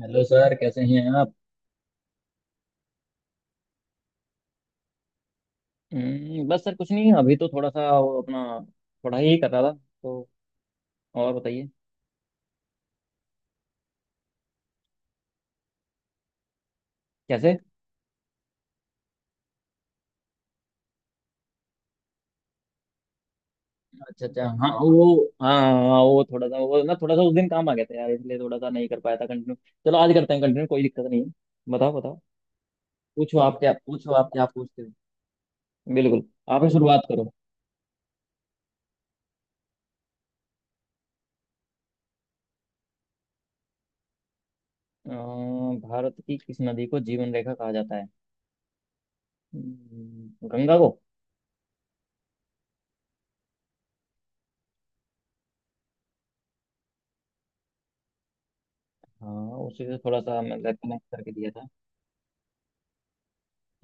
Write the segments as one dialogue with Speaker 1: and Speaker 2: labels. Speaker 1: Hello sir, कैसे हैं आप। बस सर, कुछ नहीं, अभी तो थोड़ा सा वो अपना पढ़ाई ही कर रहा था तो। और बताइए। कैसे? अच्छा अच्छा, हाँ वो, हाँ हाँ, वो थोड़ा सा वो ना थोड़ा सा उस दिन काम आ गया था यार, इसलिए थोड़ा सा नहीं कर पाया था कंटिन्यू। चलो आज करते हैं कंटिन्यू, कोई दिक्कत नहीं है। बताओ बताओ। पूछो आप क्या, पूछो आप क्या पूछते हो। बिल्कुल। आप ही शुरुआत करो। अ, भारत की किस नदी को जीवन रेखा कहा जाता है? गंगा को। हाँ, उसी से थोड़ा सा मतलब कनेक्ट करके दिया था।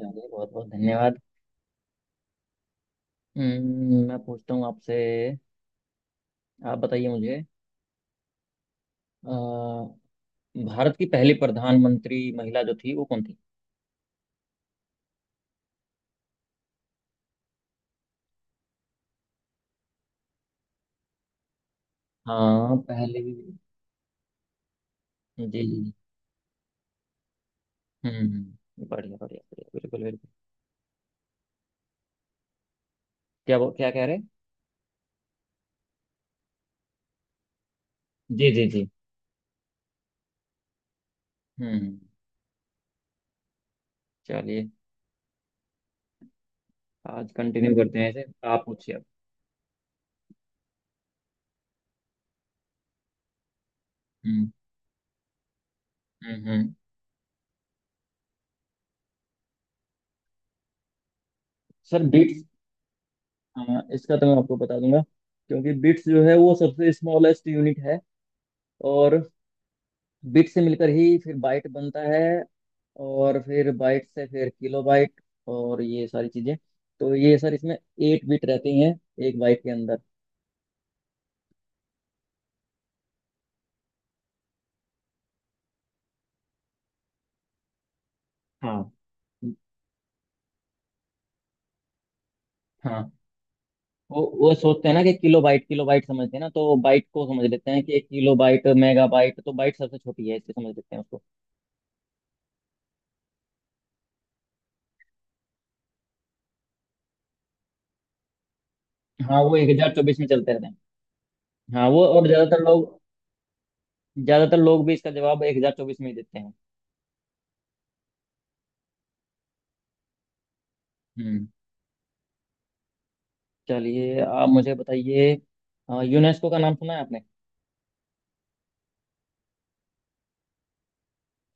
Speaker 1: चलिए, बहुत बहुत धन्यवाद। मैं पूछता हूँ आपसे। आप बताइए मुझे। अ, भारत की पहली प्रधानमंत्री महिला जो थी वो कौन थी? हाँ, पहले जी। जी जी। बढ़िया बढ़िया बढ़िया, बिल्कुल बिल्कुल। क्या वो, क्या कह रहे? जी जी जी। हम्म। चलिए, आज कंटिन्यू करते हैं इसे। आप पूछिए अब। हम्म हम्म हम्म। Sir bits. हाँ, इसका तो मैं आपको बता दूंगा, क्योंकि बिट्स जो है वो सबसे स्मॉलेस्ट यूनिट है। और बिट से मिलकर ही फिर बाइट बनता है। और फिर बाइट से फिर किलो बाइट, और ये सारी चीजें। तो ये सर, इसमें 8 बिट रहती हैं, एक बाइट के अंदर। हाँ हाँ। वो सोचते हैं ना कि किलो बाइट, किलो बाइट समझते हैं ना, तो बाइट को समझ लेते हैं कि किलो बाइट मेगा बाइट तो बाइट सबसे छोटी है, इसलिए समझ लेते हैं उसको। हाँ, वो 1024 में चलते रहते हैं। हाँ वो, और ज्यादातर लोग, ज्यादातर लोग भी इसका जवाब 1024 में ही देते हैं। हम्म। चलिए, आप मुझे बताइए। यूनेस्को का नाम सुना है आपने?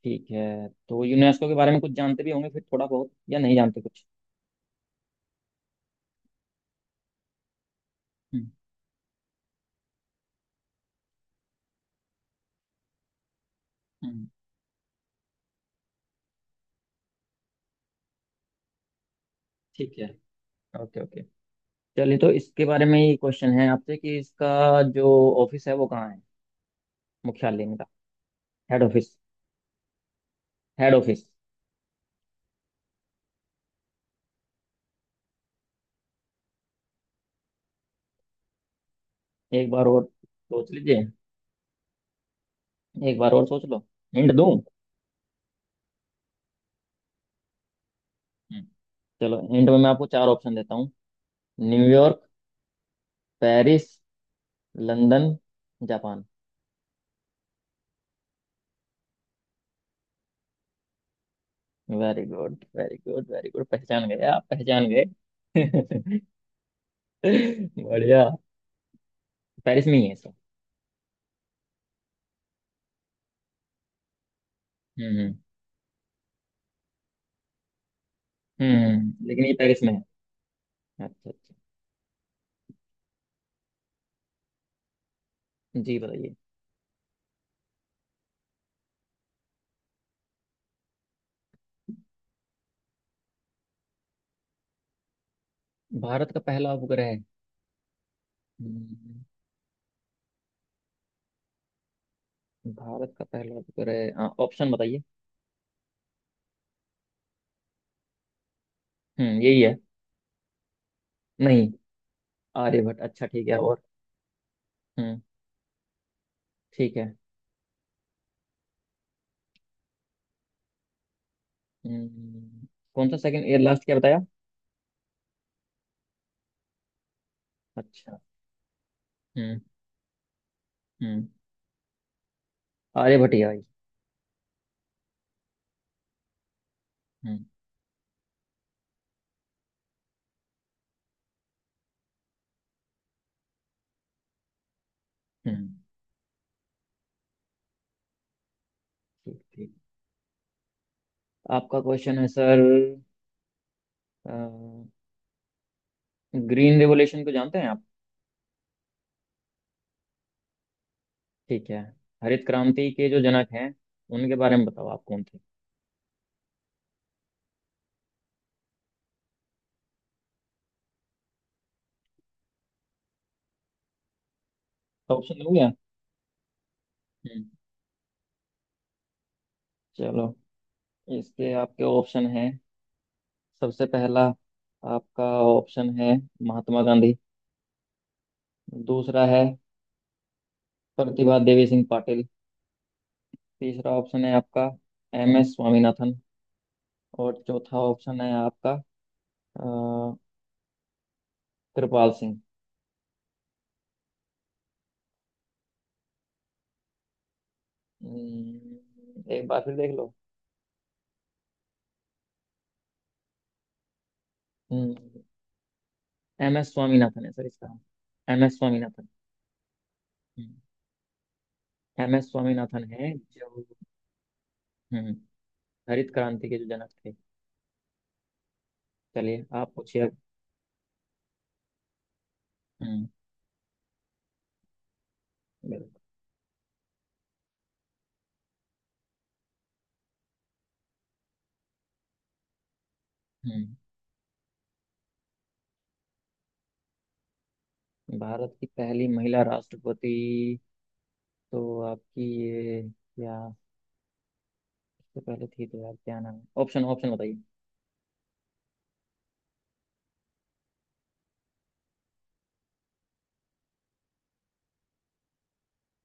Speaker 1: ठीक है, तो यूनेस्को के बारे में कुछ जानते भी होंगे फिर थोड़ा बहुत, या नहीं जानते कुछ? हम्म हम्म, ठीक है। Okay okay. चलिए, तो इसके बारे में ये क्वेश्चन है आपसे कि इसका जो ऑफिस है वो कहाँ है? मुख्यालय इनका। Head office. Head office. एक बार और सोच लीजिए। एक बार और सोच लो। हिंट दूं? हम्म, चलो हिंट में मैं आपको चार ऑप्शन देता हूँ। New York, Paris, London, Japan. Very good very good very good, पहचान गए आप, पहचान गए। बढ़िया। पेरिस में ही है इसका। हम्म हम्म हम्म। लेकिन ये पेरिस में है। अच्छा अच्छा। जी, बताइए। भारत का पहला उपग्रह? हम्म, भारत का पहला उपग्रह, हाँ, ऑप्शन बताइए। यही है। नहीं। आर्यभट्ट? अच्छा, ठीक है। और हम्म। ठीक है। हम्म, कौन सा सेकंड, एयर लास्ट क्या बताया? अच्छा। हम्म हम्म। आर्यभट्ट ही आई। हम्म हम्म। ठीक ठीक। आपका क्वेश्चन है सर। ग्रीन रेवोल्यूशन को जानते हैं आप? ठीक है। हरित क्रांति के जो जनक हैं, उनके बारे में बताओ, आप कौन थे? ऑप्शन हो गया? हम्म, चलो, इसके आपके ऑप्शन हैं। सबसे पहला आपका ऑप्शन है महात्मा गांधी। दूसरा है प्रतिभा देवी सिंह पाटिल। तीसरा ऑप्शन है आपका एम एस स्वामीनाथन। और चौथा ऑप्शन है आपका, अ, कृपाल सिंह। एक बार फिर देख लो। हम्म, एम एस स्वामीनाथन है सर इसका। M S Swaminathan. M S Swaminathan है जो। हम्म। हरित क्रांति के जो जनक थे। चलिए, आप पूछिए अब। हम्म हम्म। भारत की पहली महिला राष्ट्रपति? तो आपकी ये, या इससे पहले थी तो यार क्या नाम है? ऑप्शन ऑप्शन बताइए।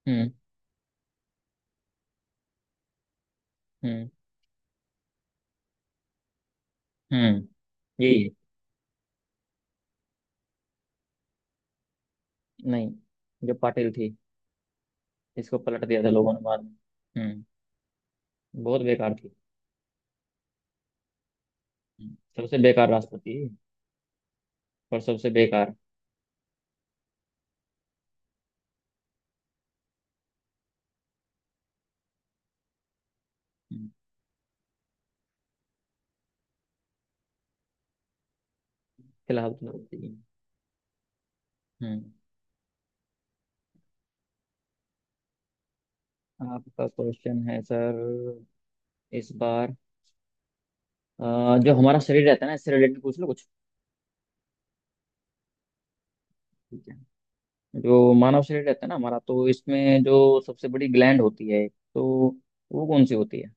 Speaker 1: हम्म हम्म हम्म। यही है। नहीं, जो पाटिल थी, इसको पलट दिया था लोगों ने बाद में। हम्म। बहुत बेकार थी। सबसे बेकार राष्ट्रपति। और सबसे बेकार। हम्म, फिलहाल तो राष्ट्रपति। हम्म। आपका क्वेश्चन है सर, इस बार। जो हमारा शरीर रहता है ना, इससे रिलेटेड पूछ लो कुछ। ठीक है। जो मानव शरीर रहता है ना हमारा, तो इसमें जो सबसे बड़ी ग्लैंड होती है, तो वो कौन सी होती है?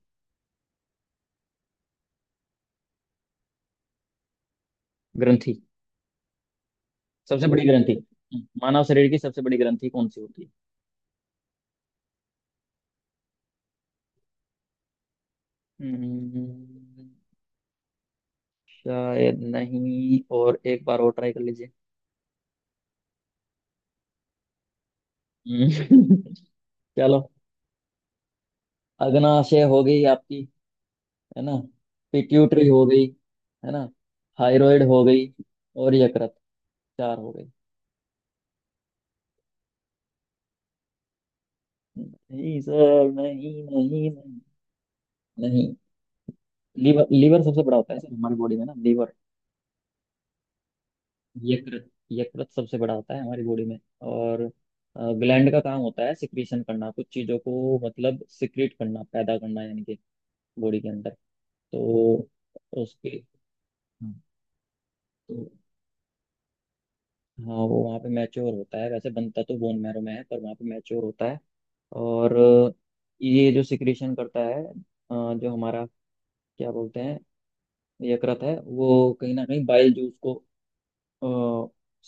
Speaker 1: ग्रंथि। सबसे बड़ी ग्रंथि। मानव शरीर की सबसे बड़ी ग्रंथि कौन सी होती है? हम्म, शायद नहीं, और एक बार और ट्राई कर लीजिए। हम्म, चलो, अग्नाशय हो गई आपकी, है ना। पिट्यूटरी हो गई, है ना। थायराइड हो गई, और यकृत, चार हो गई। नहीं सर, नहीं नहीं नहीं, नहीं। लीवर, लीवर सबसे बड़ा होता है सर हमारी बॉडी में ना, लीवर। यकृत, यकृत सबसे बड़ा होता है हमारी बॉडी में। और ग्लैंड का काम होता है सिक्रीशन करना कुछ चीज़ों को, मतलब सिक्रीट करना, पैदा करना, यानी कि बॉडी के अंदर। तो उसके, हाँ, तो हाँ, वो वहाँ पे मैच्योर होता है, वैसे बनता तो बोन मैरो में है पर वहाँ पे मैच्योर होता है। और ये जो सिक्रीशन करता है, जो हमारा, क्या बोलते हैं, यकृत है वो कहीं ना कहीं बाइल जूस को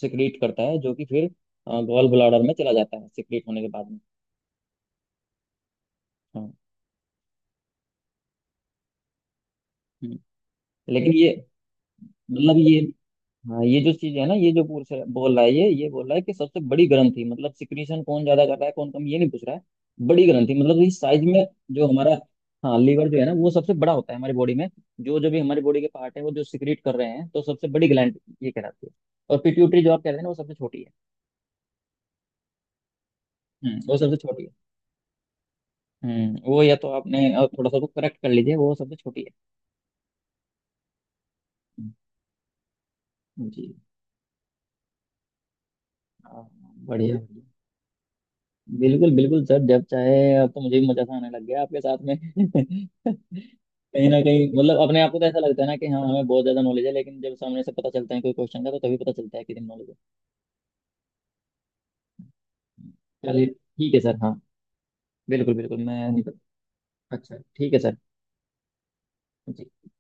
Speaker 1: सिक्रीट करता है, जो कि फिर गॉल ब्लाडर में चला जाता है सिक्रीट होने के बाद में। हाँ। हम्म। लेकिन ये, मतलब ये, हाँ, ये जो चीज है ना, ये जो बोल रहा है, ये बोल रहा है कि सबसे बड़ी ग्रंथि मतलब सिक्रीशन कौन ज्यादा कर रहा है कौन कम, ये नहीं पूछ रहा है। बड़ी ग्रंथि मतलब इस साइज में। जो हमारा, हाँ लीवर जो है ना वो सबसे बड़ा होता है हमारी बॉडी में। जो जो भी हमारी बॉडी के पार्ट है वो जो सिक्रीट कर रहे हैं, तो सबसे बड़ी ग्लैंड ये कहलाती है। और पिट्यूटरी जो आप कह रहे हैं ना, वो सबसे छोटी है। वो सबसे छोटी है। वो, या तो आपने थोड़ा सा तो करेक्ट कर लीजिए, वो सबसे छोटी है। जी। हाँ, बढ़िया बढ़िया। बिल्कुल बिल्कुल सर, जब चाहे। अब तो मुझे भी मजा सा आने लग गया आपके साथ में। कहीं ना कहीं मतलब अपने आप को तो ऐसा लगता है ना कि हाँ, हमें बहुत ज्यादा नॉलेज है, लेकिन जब सामने से पता चलता है कोई क्वेश्चन का, तो तभी पता चलता है कितनी नॉलेज है। चलिए, ठीक है सर, हाँ। बिल्कुल बिल्कुल, मैं नहीं पता। अच्छा, ठीक है सर, जी।